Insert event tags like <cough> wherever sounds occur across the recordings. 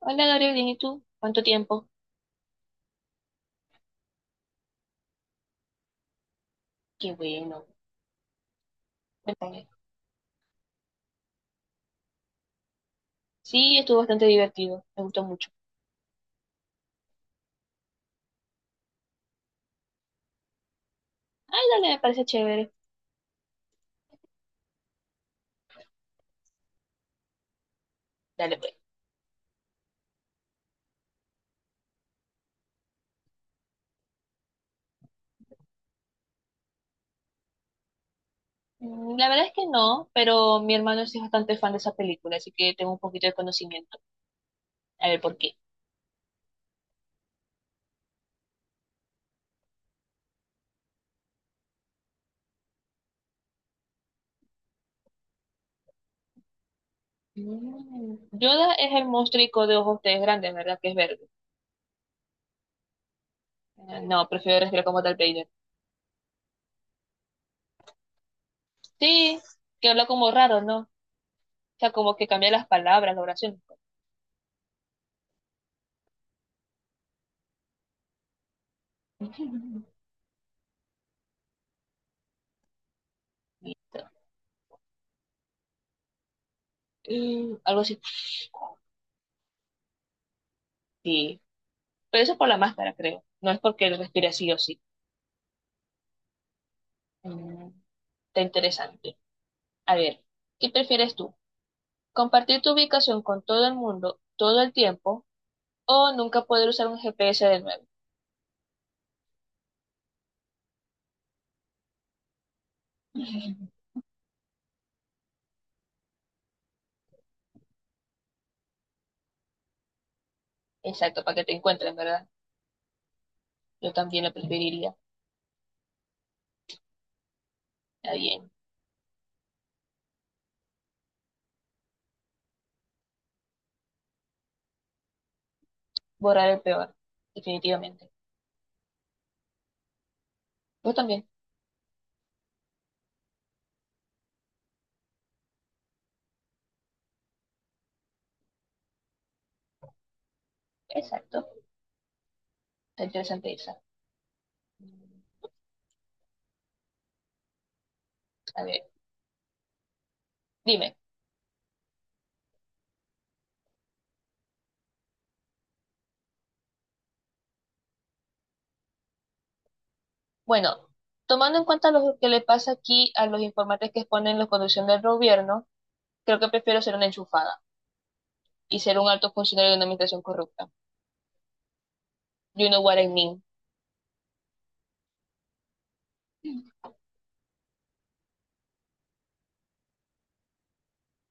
Hola Gabriel, bien, ¿y tú? ¿Cuánto tiempo? Qué bueno. Cuéntame. Sí, estuvo bastante divertido, me gustó mucho. Ay, dale, me parece chévere. Dale, pues. La verdad es que no, pero mi hermano sí es bastante fan de esa película, así que tengo un poquito de conocimiento. A ver, ¿por qué? Yoda es el monstruico de ojos de grandes, ¿verdad? Que es verde. No, prefiero respirar como Darth Vader. Sí, que habla como raro, ¿no? O sea, como que cambia las palabras, la oración. <laughs> Listo. Algo así. Sí. Pero eso es por la máscara, creo. No es porque él respire sí o sí. Mm, está interesante. A ver, ¿qué prefieres tú? ¿Compartir tu ubicación con todo el mundo todo el tiempo o nunca poder usar un GPS de nuevo? Exacto, para que te encuentren, ¿verdad? Yo también lo preferiría. Está bien. Borrar el peor, definitivamente. Vos también. Exacto. Está interesante esa. Mm, A ver, dime. Bueno, tomando en cuenta lo que le pasa aquí a los informantes que exponen la conducción del gobierno, creo que prefiero ser una enchufada y ser un alto funcionario de una administración corrupta. You know what I mean.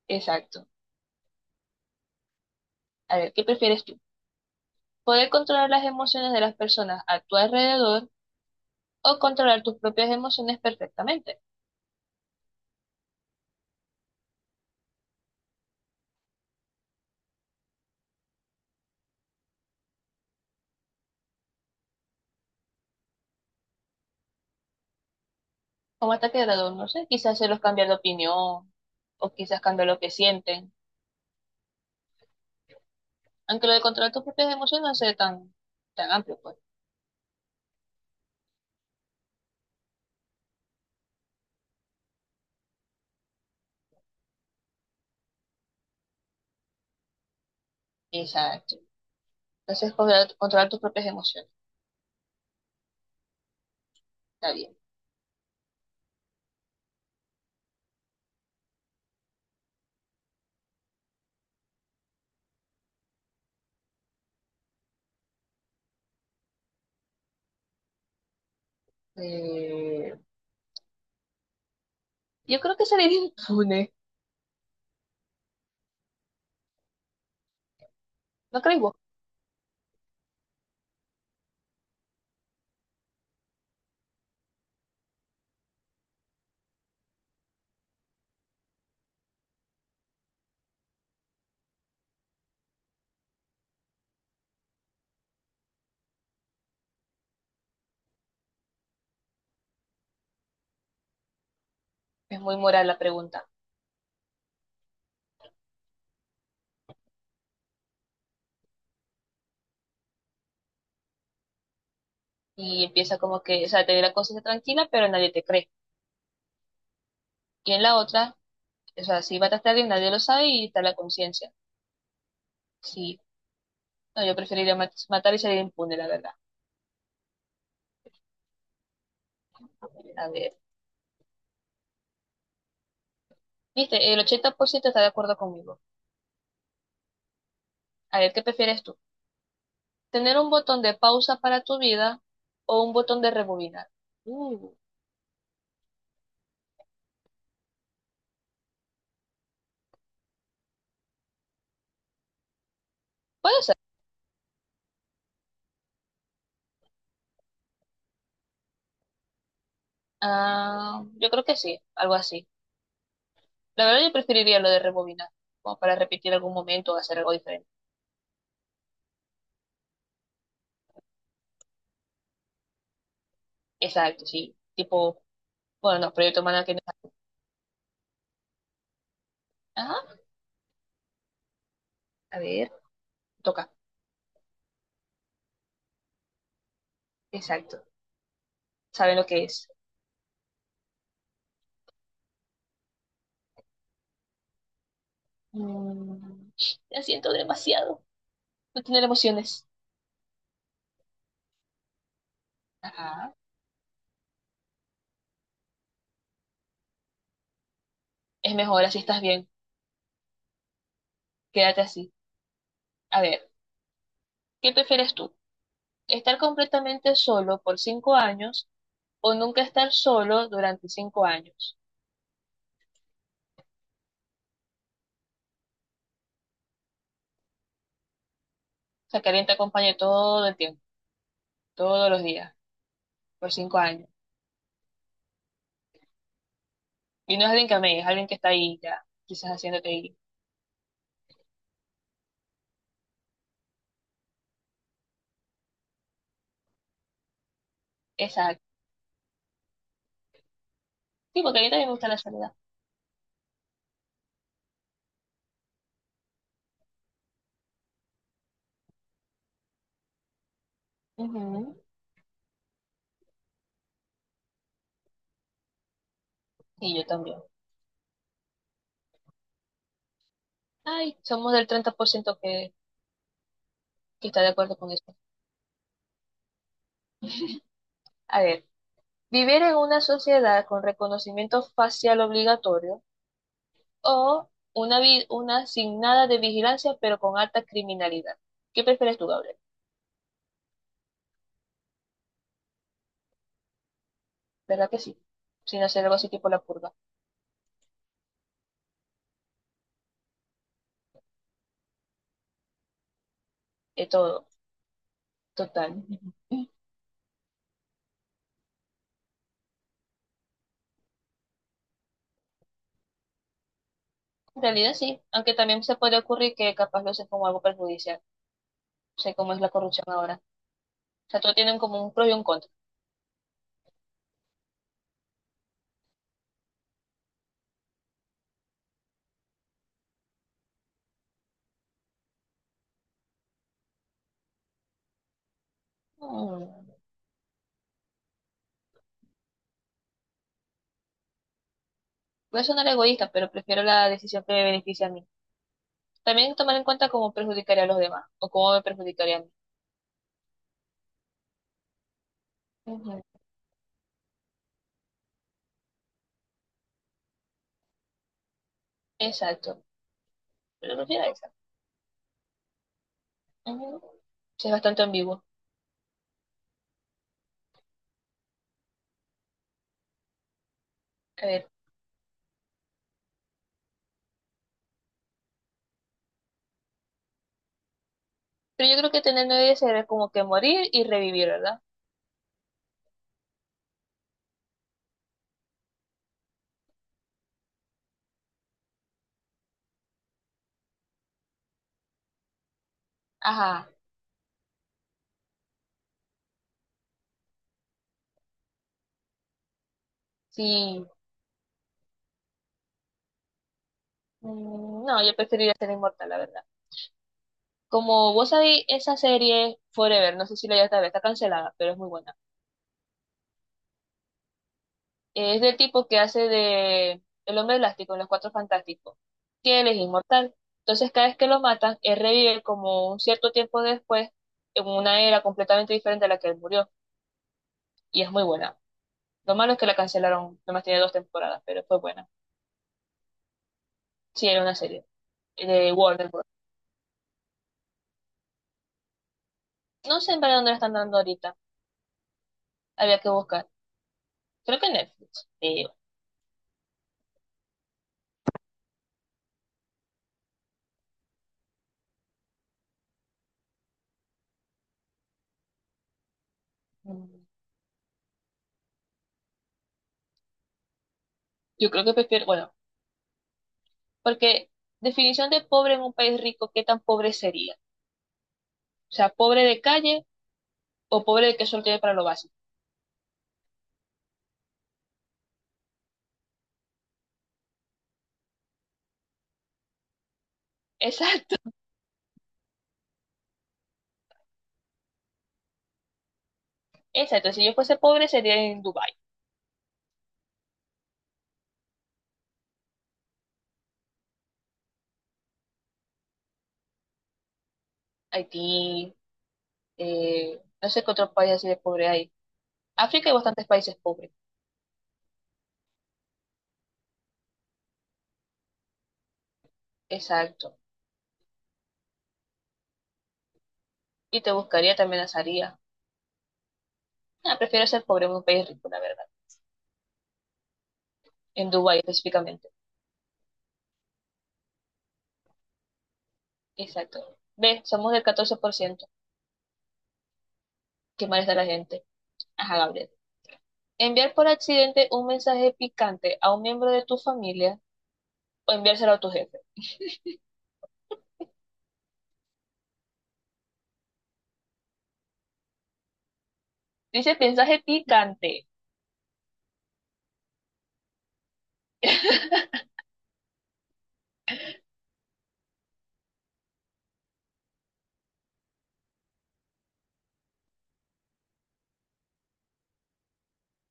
Exacto. A ver, ¿qué prefieres tú? ¿Poder controlar las emociones de las personas a tu alrededor o controlar tus propias emociones perfectamente? Como hasta qué grado, no sé, quizás hacerlos cambiar de opinión o quizás cambiar lo que sienten. Aunque lo de controlar tus propias emociones no sea tan, tan amplio, pues. Exacto. Entonces, controlar tus propias emociones. Está bien. Eh, yo creo que sería <laughs> impune. ¿No crees vos? Es muy moral la pregunta. Y empieza como que, o sea, te ve la cosa tranquila, pero nadie te cree. Y en la otra, o sea, si mataste a alguien, nadie lo sabe y está la conciencia. Sí, no, yo preferiría matar y salir impune, la verdad. A ver, viste, el 80% está de acuerdo conmigo. A ver, ¿qué prefieres tú? ¿Tener un botón de pausa para tu vida o un botón de rebobinar? Mm, puede ser. Ah, yo creo que sí, algo así. La verdad, yo preferiría lo de rebobinar, como para repetir algún momento o hacer algo diferente. Exacto, sí. Tipo, bueno, no, proyecto humano que no. Ajá, a ver, toca. Exacto. Saben lo que es. Mm, la siento demasiado. No tener emociones. Ajá. Es mejor así, estás bien. Quédate así. A ver, ¿qué prefieres tú? ¿Estar completamente solo por 5 años o nunca estar solo durante 5 años? O sea, que alguien te acompañe todo el tiempo, todos los días, por 5 años. Y no es alguien que amé, es alguien que está ahí ya, quizás haciéndote ir. Exacto. Sí, porque a mí también me gusta la soledad. Ujú. Y yo también. Ay, somos del 30% que está de acuerdo con eso. A ver, vivir en una sociedad con reconocimiento facial obligatorio o una, una sin nada de vigilancia pero con alta criminalidad. ¿Qué prefieres tú, Gabriel? ¿Verdad que sí? Sin hacer algo así tipo la purga. De todo, total. En realidad sí, aunque también se puede ocurrir que capaz lo hacen como algo perjudicial. No sé cómo es la corrupción ahora. O sea, todos tienen como un pro y un contra. Mm. Voy a sonar egoísta, pero prefiero la decisión que me beneficia a mí. También tomar en cuenta cómo perjudicaría a los demás o cómo me perjudicaría a mí. Ujú, exacto. Pero no sería esa. Ujú. Sí, es bastante ambiguo. A ver. Pero yo creo que tener nueve vidas sería como que morir y revivir, ¿verdad? Ajá. Sí. No, yo preferiría ser inmortal, la verdad. Como vos sabéis, esa serie Forever, no sé si la ya está, está cancelada, pero es muy buena. Es del tipo que hace de el hombre elástico en los Cuatro Fantásticos, que él es inmortal. Entonces, cada vez que lo matan, él revive como un cierto tiempo después en una era completamente diferente a la que él murió. Y es muy buena. Lo malo es que la cancelaron, nomás tiene dos temporadas, pero fue buena. Sí, era una serie de Warner Bros. No sé en verdad dónde la están dando ahorita. Había que buscar. Creo que en Netflix. Mm, Yo creo que prefiero, bueno, porque definición de pobre en un país rico, ¿qué tan pobre sería? O sea, pobre de calle o pobre que solo tiene para lo básico. Exacto, <laughs> exacto. Si yo fuese pobre sería en Dubái. Haití, no sé qué otros países así de pobre hay. África hay bastantes países pobres. Exacto. Y te buscaría, te amenazaría. Ah, prefiero ser pobre en un país rico, la verdad. En Dubái específicamente. Exacto. Ve, somos del 14%. Qué mal está la gente. Ajá, Gabriel. Enviar por accidente un mensaje picante a un miembro de tu familia o enviárselo a tu jefe. Dice mensaje picante.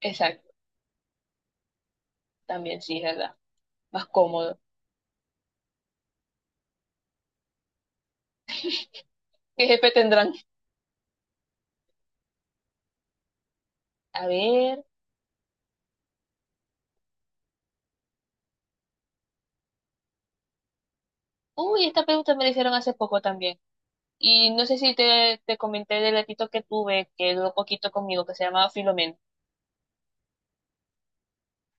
Exacto. También sí, es verdad. Más cómodo. ¿Qué jefe tendrán? A ver. Uy, esta pregunta me la hicieron hace poco también. Y no sé si te comenté del gatito que tuve, que duró poquito conmigo, que se llamaba Filomeno.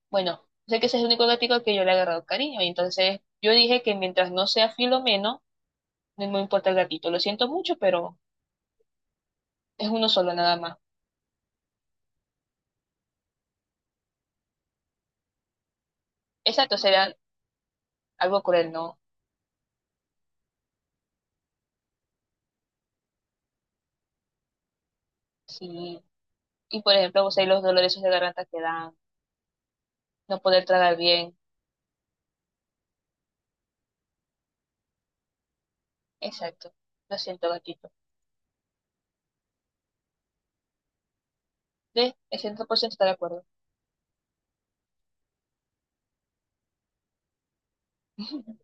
Bueno, sé que ese es el único gatito al que yo le he agarrado cariño. Y entonces yo dije que mientras no sea Filomeno, no me importa el gatito. Lo siento mucho, pero es uno solo nada más. Exacto, sería algo cruel, ¿no? Sí. Y por ejemplo, vos sabés los dolores esos de garganta que dan, no poder tragar bien. Exacto. Lo siento, gatito. De, el 100% está de acuerdo. <laughs>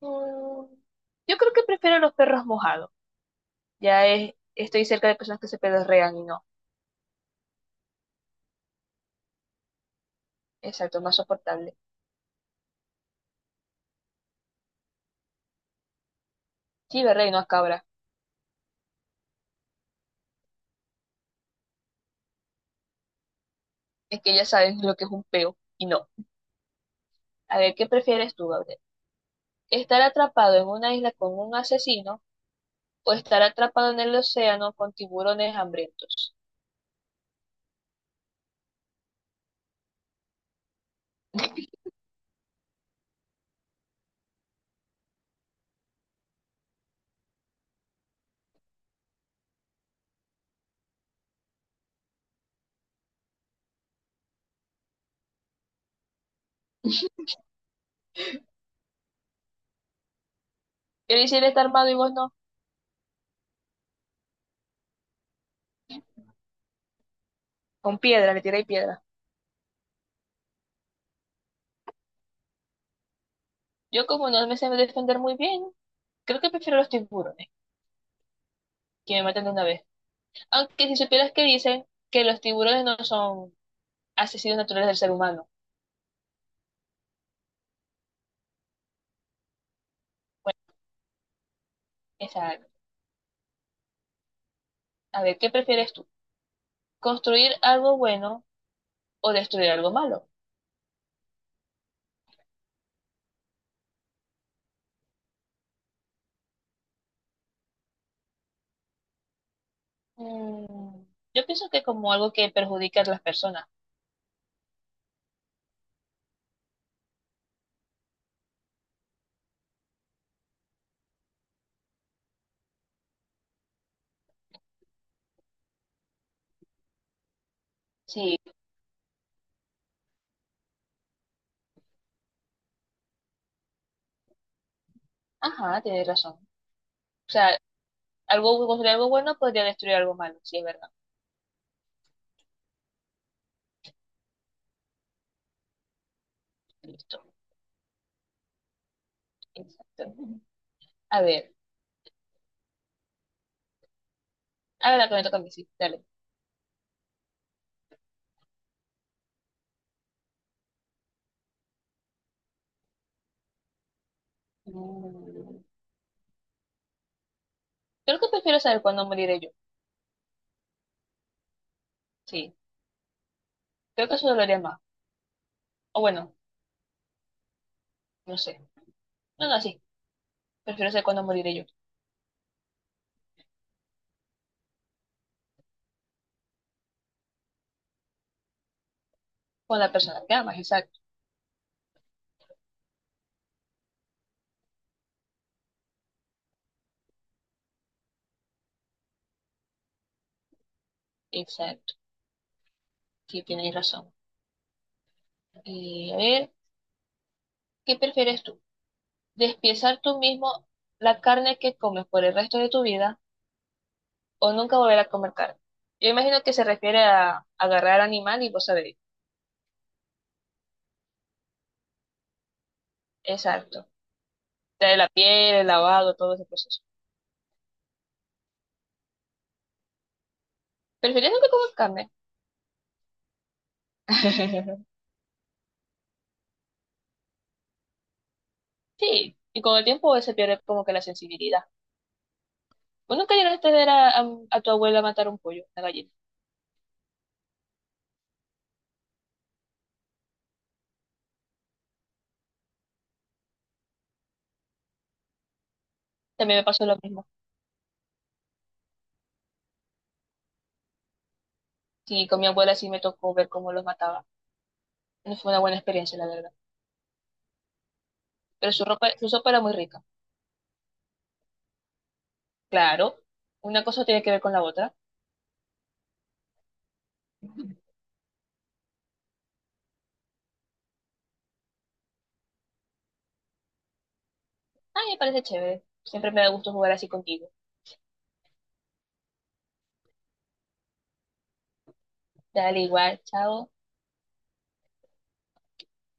Mm, Yo creo que prefiero los perros mojados. Ya es, estoy cerca de personas que se pedorrean y no. Exacto, es más soportable. Sí, verdad, y no a cabra. Es que ya saben lo que es un peo y no. A ver, ¿qué prefieres tú, Gabriel? ¿Estar atrapado en una isla con un asesino o estar atrapado en el océano con tiburones hambrientos? <laughs> Yo le está armado y vos no. Con piedra, le tiré piedra. Yo como no me sé defender muy bien, creo que prefiero los tiburones, que me matan de una vez. Aunque si supieras que dicen que los tiburones no son asesinos naturales del ser humano. Bueno, esa- a ver, ¿qué prefieres tú? ¿Construir algo bueno o destruir algo malo? Mm, yo pienso que como algo que perjudica a las personas. Sí, ajá, tienes razón. O sea, algo, construir algo bueno podría destruir algo malo, sí, es verdad. Listo, exacto. <laughs> A ver, ahora que me toca a mí, sí, dale. Mm, creo que prefiero saber cuándo moriré yo. Sí, creo que eso dolería más. O bueno, no sé. No, no, sí, prefiero saber cuándo moriré yo. Con la persona que amas, exacto. Exacto. Sí, tienes razón. Y a ver, ¿qué prefieres tú? ¿Despiezar tú mismo la carne que comes por el resto de tu vida o nunca volver a comer carne? Yo imagino que se refiere a agarrar animal y vos sabés. Exacto. De la piel, el lavado, todo ese proceso. ¿Prefieres nunca comer carne? <laughs> Sí, y con el tiempo se pierde como que la sensibilidad. ¿Vos nunca llegaste a ver a tu abuela matar un pollo, una gallina? También me pasó lo mismo. Sí, con mi abuela sí me tocó ver cómo los mataba. No fue una buena experiencia, la verdad. Pero su ropa, su sopa era muy rica. Claro, una cosa tiene que ver con la otra. Ay, me parece chévere. Siempre me da gusto jugar así contigo. Dale igual, chao.